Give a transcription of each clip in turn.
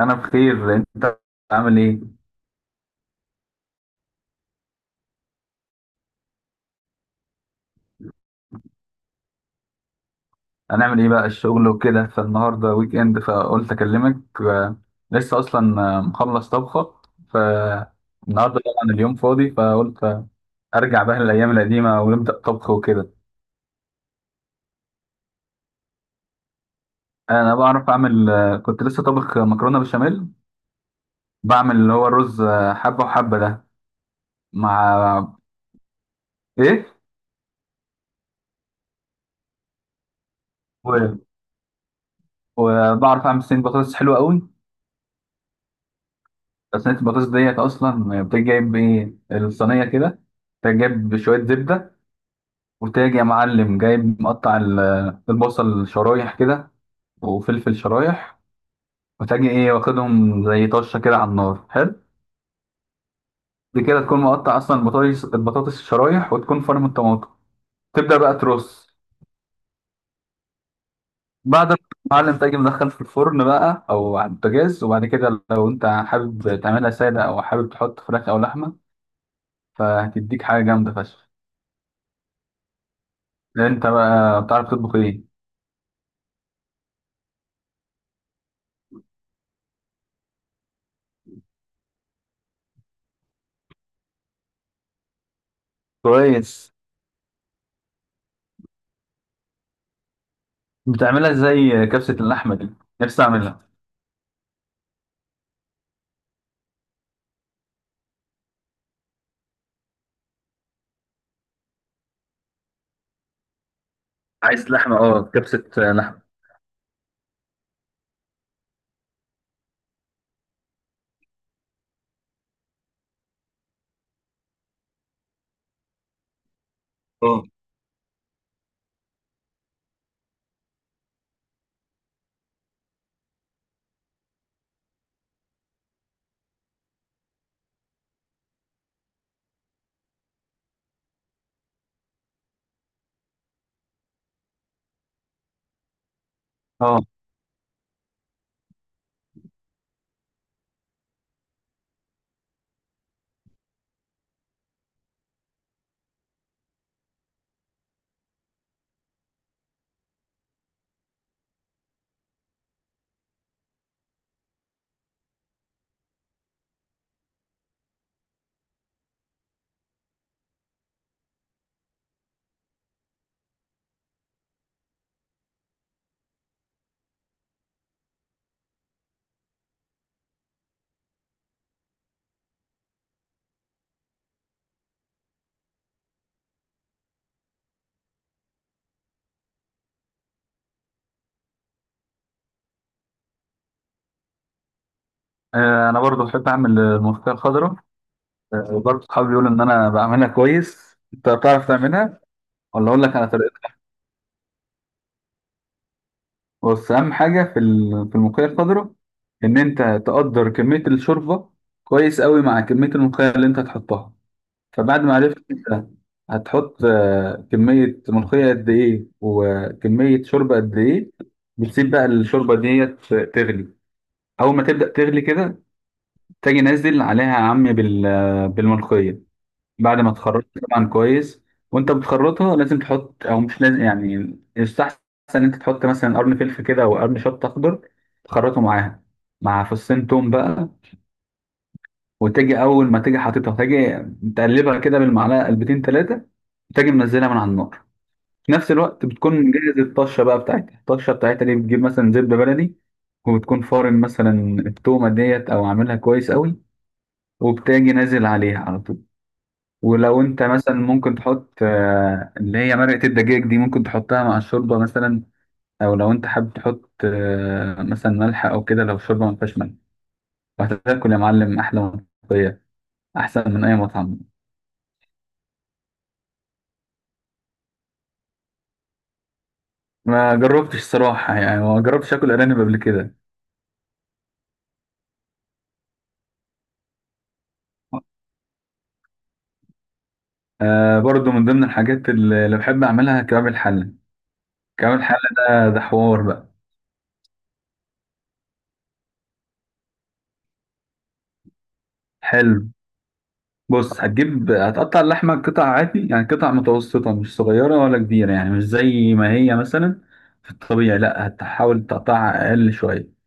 انا بخير. انت عامل ايه؟ هنعمل ايه بقى الشغل وكده فالنهارده ويك اند فقلت اكلمك لسه اصلا، مخلص طبخه. فالنهارده طبعا اليوم فاضي، فقلت ارجع بقى للايام القديمه ونبدا طبخ وكده. انا بعرف اعمل، كنت لسه طابخ مكرونه بشاميل. بعمل اللي هو الرز، حبه وحبه ده. مع ايه و- وبعرف اعمل صينيه بطاطس حلوه قوي. صينيه البطاطس ديت اصلا بتجيب ايه الصينيه كده؟ تجيب شويه زبده، وتاج يا معلم جايب مقطع البصل شرايح كده، وفلفل شرايح، وتاجي ايه واخدهم زي طشه كده على النار حلو. دي كده تكون مقطع اصلا البطاطس البطاطس شرايح، وتكون فرم الطماطم. تبدا بقى ترص بعد ما المعلم تاجي مدخل في الفرن بقى او على البوتاجاز. وبعد كده لو انت حابب تعملها ساده، او حابب تحط فراخ او لحمه، فهتديك حاجه جامده فشخ. انت بقى بتعرف تطبخ ايه؟ كويس. بتعملها زي كبسه اللحمه دي؟ نفسي اعملها. عايز لحمة، اه. كبسة، لحمة. اه، اه. انا برضو بحب اعمل الملوخيه الخضراء. برضو صحابي بيقولوا ان انا بعملها كويس. انت بتعرف تعملها ولا اقول لك على طريقتها؟ بس اهم حاجه في في الملوخيه الخضراء ان انت تقدر كميه الشوربه كويس قوي مع كميه الملوخيه اللي انت هتحطها. فبعد ما عرفت انت هتحط كميه ملوخيه قد ايه وكميه شوربه قد ايه، بتسيب بقى الشوربه ديت تغلي. اول ما تبدا تغلي كده، تجي نازل عليها يا عم بالملقية بعد ما تخرطها طبعا كويس. وانت بتخرطها لازم تحط، او مش لازم، يعني يستحسن ان انت تحط مثلا قرن فلفل كده او قرن شطة اخضر تخرطه معاها، مع فصين توم بقى. وتجي اول ما تجي حاططها، تجي متقلبها كده بالمعلقة قلبتين ثلاثة، وتجي منزلها من على النار. في نفس الوقت بتكون مجهز الطشة بقى بتاعتها. الطشة بتاعتها دي بتجيب مثلا زبدة بلدي، وبتكون فارم مثلا التومة ديت، او عاملها كويس قوي، وبتاجي نازل عليها على طول. ولو انت مثلا، ممكن تحط اللي هي مرقة الدجاج دي ممكن تحطها مع الشوربة مثلا. او لو انت حابب تحط مثلا ملح او كده لو الشوربة ما فيهاش ملح، وهتاكل يا معلم احلى ملوخية، احسن من اي مطعم. ما جربتش صراحة، يعني ما جربتش اكل ارانب قبل كده. آه، برضو من ضمن الحاجات اللي بحب اعملها كباب الحلة. كباب الحلة ده حوار بقى. حلو. بص، هتقطع اللحمة قطع عادي، يعني قطع متوسطة، مش صغيرة ولا كبيرة، يعني مش زي ما هي مثلا في الطبيعي، لا، هتحاول تقطعها أقل شوية.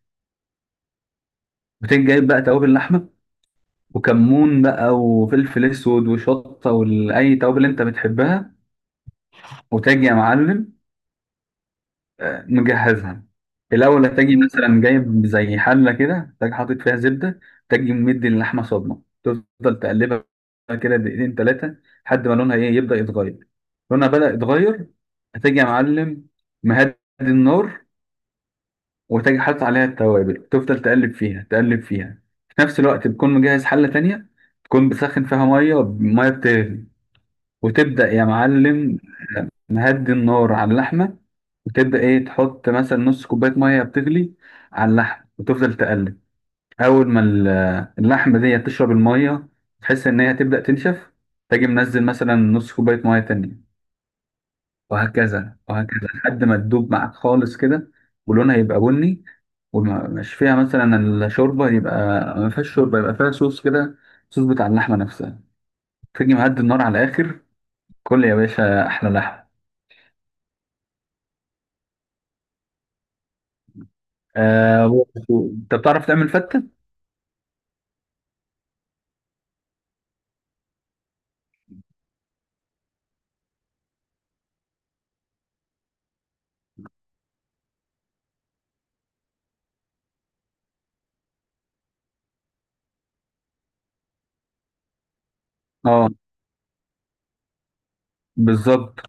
وتيجي جايب بقى توابل اللحمة، وكمون بقى، وفلفل أسود، وشطة، وأي توابل أنت بتحبها. وتاجي يا معلم مجهزها. الاول، هتجي مثلا جايب زي حله كده، تجي حاطط فيها زبده، تجي مدي اللحمه صدمه، تفضل تقلبها كده دقيقتين ثلاثه لحد ما لونها ايه يبدا يتغير. لونها بدا يتغير، هتجي يا معلم مهدي النار، وتجي حاطط عليها التوابل، تفضل تقلب فيها تقلب فيها. في نفس الوقت تكون مجهز حله تانية تكون بتسخن فيها ميه، ميه بتغلي. وتبدا يا معلم نهدي النار على اللحمة، وتبدأ إيه تحط مثلا نص كوباية مية بتغلي على اللحم، وتفضل تقلب. أول ما اللحمة دي تشرب المية، تحس إن هي تبدأ تنشف، تجي منزل مثلا نص كوباية مية تانية، وهكذا وهكذا، لحد ما تدوب معاك خالص كده، ولونها يبقى بني، ومش فيها مثلا الشوربة، يبقى ما فيهاش شوربة، يبقى فيها صوص كده، صوص بتاع اللحمة نفسها. تيجي مهدي النار على الآخر، كل يا باشا أحلى لحمة. انت بتعرف تعمل فتة؟ اه، بالظبط.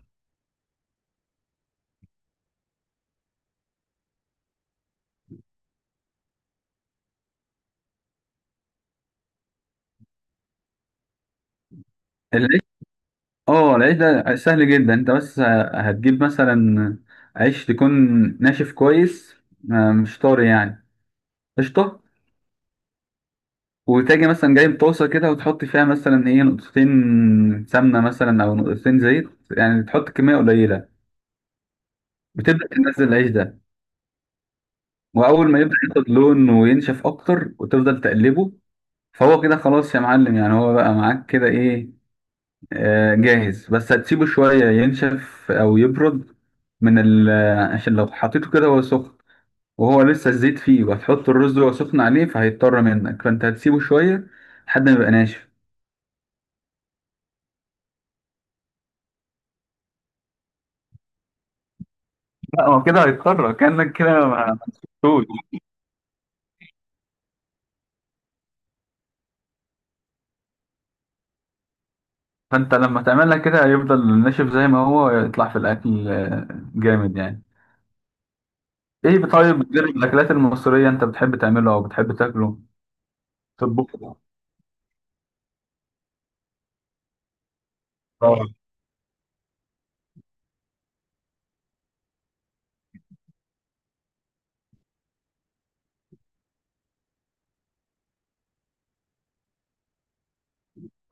العيش؟ اه، العيش ده سهل جدا. انت بس هتجيب مثلا عيش تكون ناشف كويس، مش طري يعني. قشطة. وتاجي مثلا جايب طاسة كده، وتحط فيها مثلا ايه نقطتين سمنة مثلا أو نقطتين زيت، يعني تحط كمية قليلة. وتبدأ تنزل العيش ده، وأول ما يبدأ ياخد لون وينشف أكتر، وتفضل تقلبه. فهو كده خلاص يا معلم، يعني هو بقى معاك كده ايه، جاهز. بس هتسيبه شوية ينشف أو يبرد من ال آه، عشان لو حطيته كده وهو سخن، وهو لسه الزيت فيه، وهتحط الرز وهو سخن عليه، فهيضطر منك. فأنت هتسيبه شوية لحد ما يبقى ناشف. لا، هو كده هيضطر كأنك كده. ما سبتوش، فأنت لما تعملها كده هيفضل ناشف زي ما هو يطلع في الأكل، جامد يعني. إيه، طيب، غير الأكلات المصرية أنت بتحب تعمله أو بتحب تاكله تطبخه؟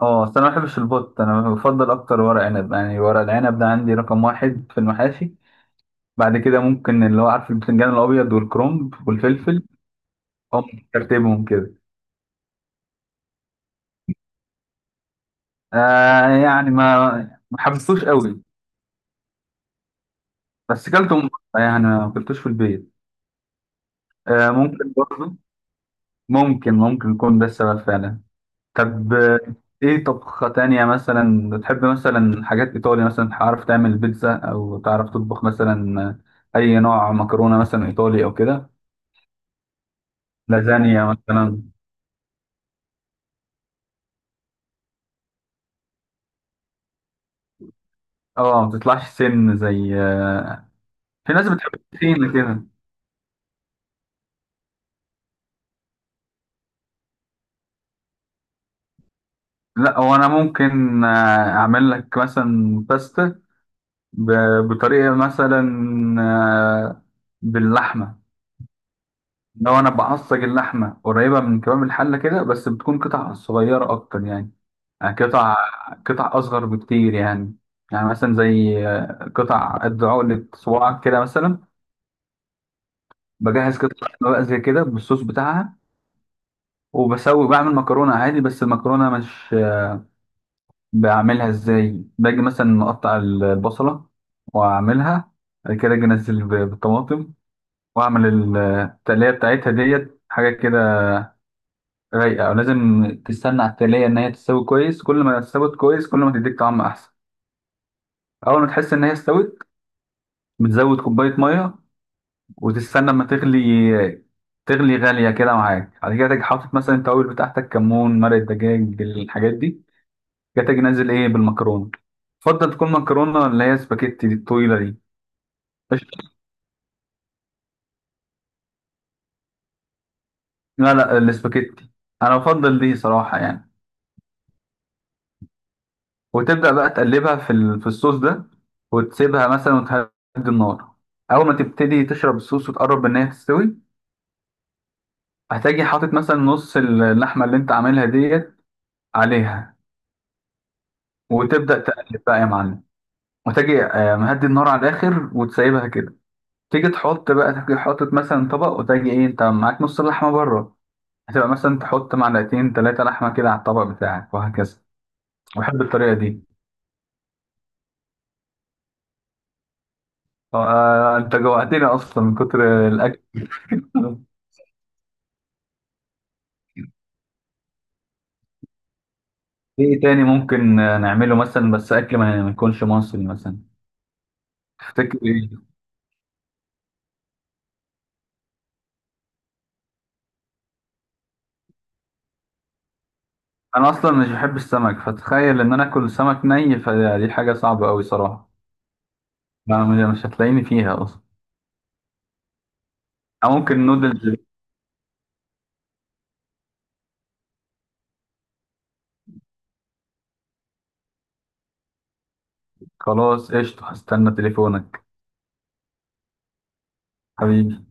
اه، بس انا ما بحبش البط. انا بفضل اكتر ورق عنب، يعني ورق العنب ده عندي رقم واحد في المحاشي. بعد كده ممكن اللي هو عارف البتنجان الابيض والكرنب والفلفل، هم ترتيبهم كده. آه، يعني ما ما حبستوش قوي، بس كلتهم بره، يعني ما كلتوش في البيت. آه، ممكن برضه. ممكن يكون ده السبب فعلا. طب، ايه طبخة تانية مثلا بتحب؟ مثلا حاجات ايطالي مثلا، تعرف تعمل بيتزا او تعرف تطبخ مثلا اي نوع مكرونة مثلا ايطالي او كده؟ لازانيا مثلا؟ اه، ما بتطلعش سن زي في ناس بتحب التخينة كده. لا، هو انا ممكن اعمل لك مثلا باستا بطريقة مثلا، آه، باللحمة. لو انا بعصج اللحمة قريبة من كمام الحلة كده، بس بتكون قطع صغيرة اكتر يعني، يعني قطع قطع اصغر بكتير يعني، يعني مثلا زي قطع قد عقلة صباعك كده مثلا. بجهز قطع لحمة بقى زي كده بالصوص بتاعها، وبسوي بعمل مكرونة عادي. بس المكرونة مش بعملها ازاي؟ باجي مثلا مقطع البصلة واعملها، بعد كده اجي انزل بالطماطم، واعمل التقلية بتاعتها ديت، حاجة كده رايقة. ولازم تستنى على التقلية ان هي تستوي كويس، كل ما استوت كويس كل ما تديك طعم احسن. اول ما تحس ان هي استوت، بتزود كوباية مية وتستنى اما تغلي، تغلي غالية كده معاك. بعد كده تيجي حاطط مثلا التوابل بتاعتك، كمون، مرق دجاج، الحاجات دي. جاتك نازل ايه بالمكرونه. افضل تكون مكرونه اللي هي سباكيتي دي الطويله دي. قشطة. لا، لا، السباكيتي، انا بفضل دي صراحه يعني. وتبدا بقى تقلبها في في الصوص ده، وتسيبها مثلا وتهدي النار. اول ما تبتدي تشرب الصوص وتقرب ان هي تستوي، هتجي حاطط مثلا نص اللحمه اللي انت عاملها ديت عليها، وتبدا تقلب بقى يا معلم. وتجي مهدي النار على الاخر وتسيبها كده. تيجي تحط بقى، تيجي حاطط مثلا طبق، وتجي ايه انت معاك نص اللحمه بره، هتبقى مثلا تحط معلقتين ثلاثة لحمة كده على الطبق بتاعك، وهكذا. بحب الطريقة دي. انت جوعتني اصلا من كتر الاكل. في ايه تاني ممكن نعمله مثلا، بس اكل ما ما يكونش مصري مثلا؟ تفتكر ايه؟ انا اصلا مش بحب السمك، فتخيل ان انا اكل سمك ني، فدي حاجة صعبة قوي صراحة. ما- مش هتلاقيني فيها اصلا. او ممكن نودلز. خلاص قشطة، هستنى تليفونك. حبيبي.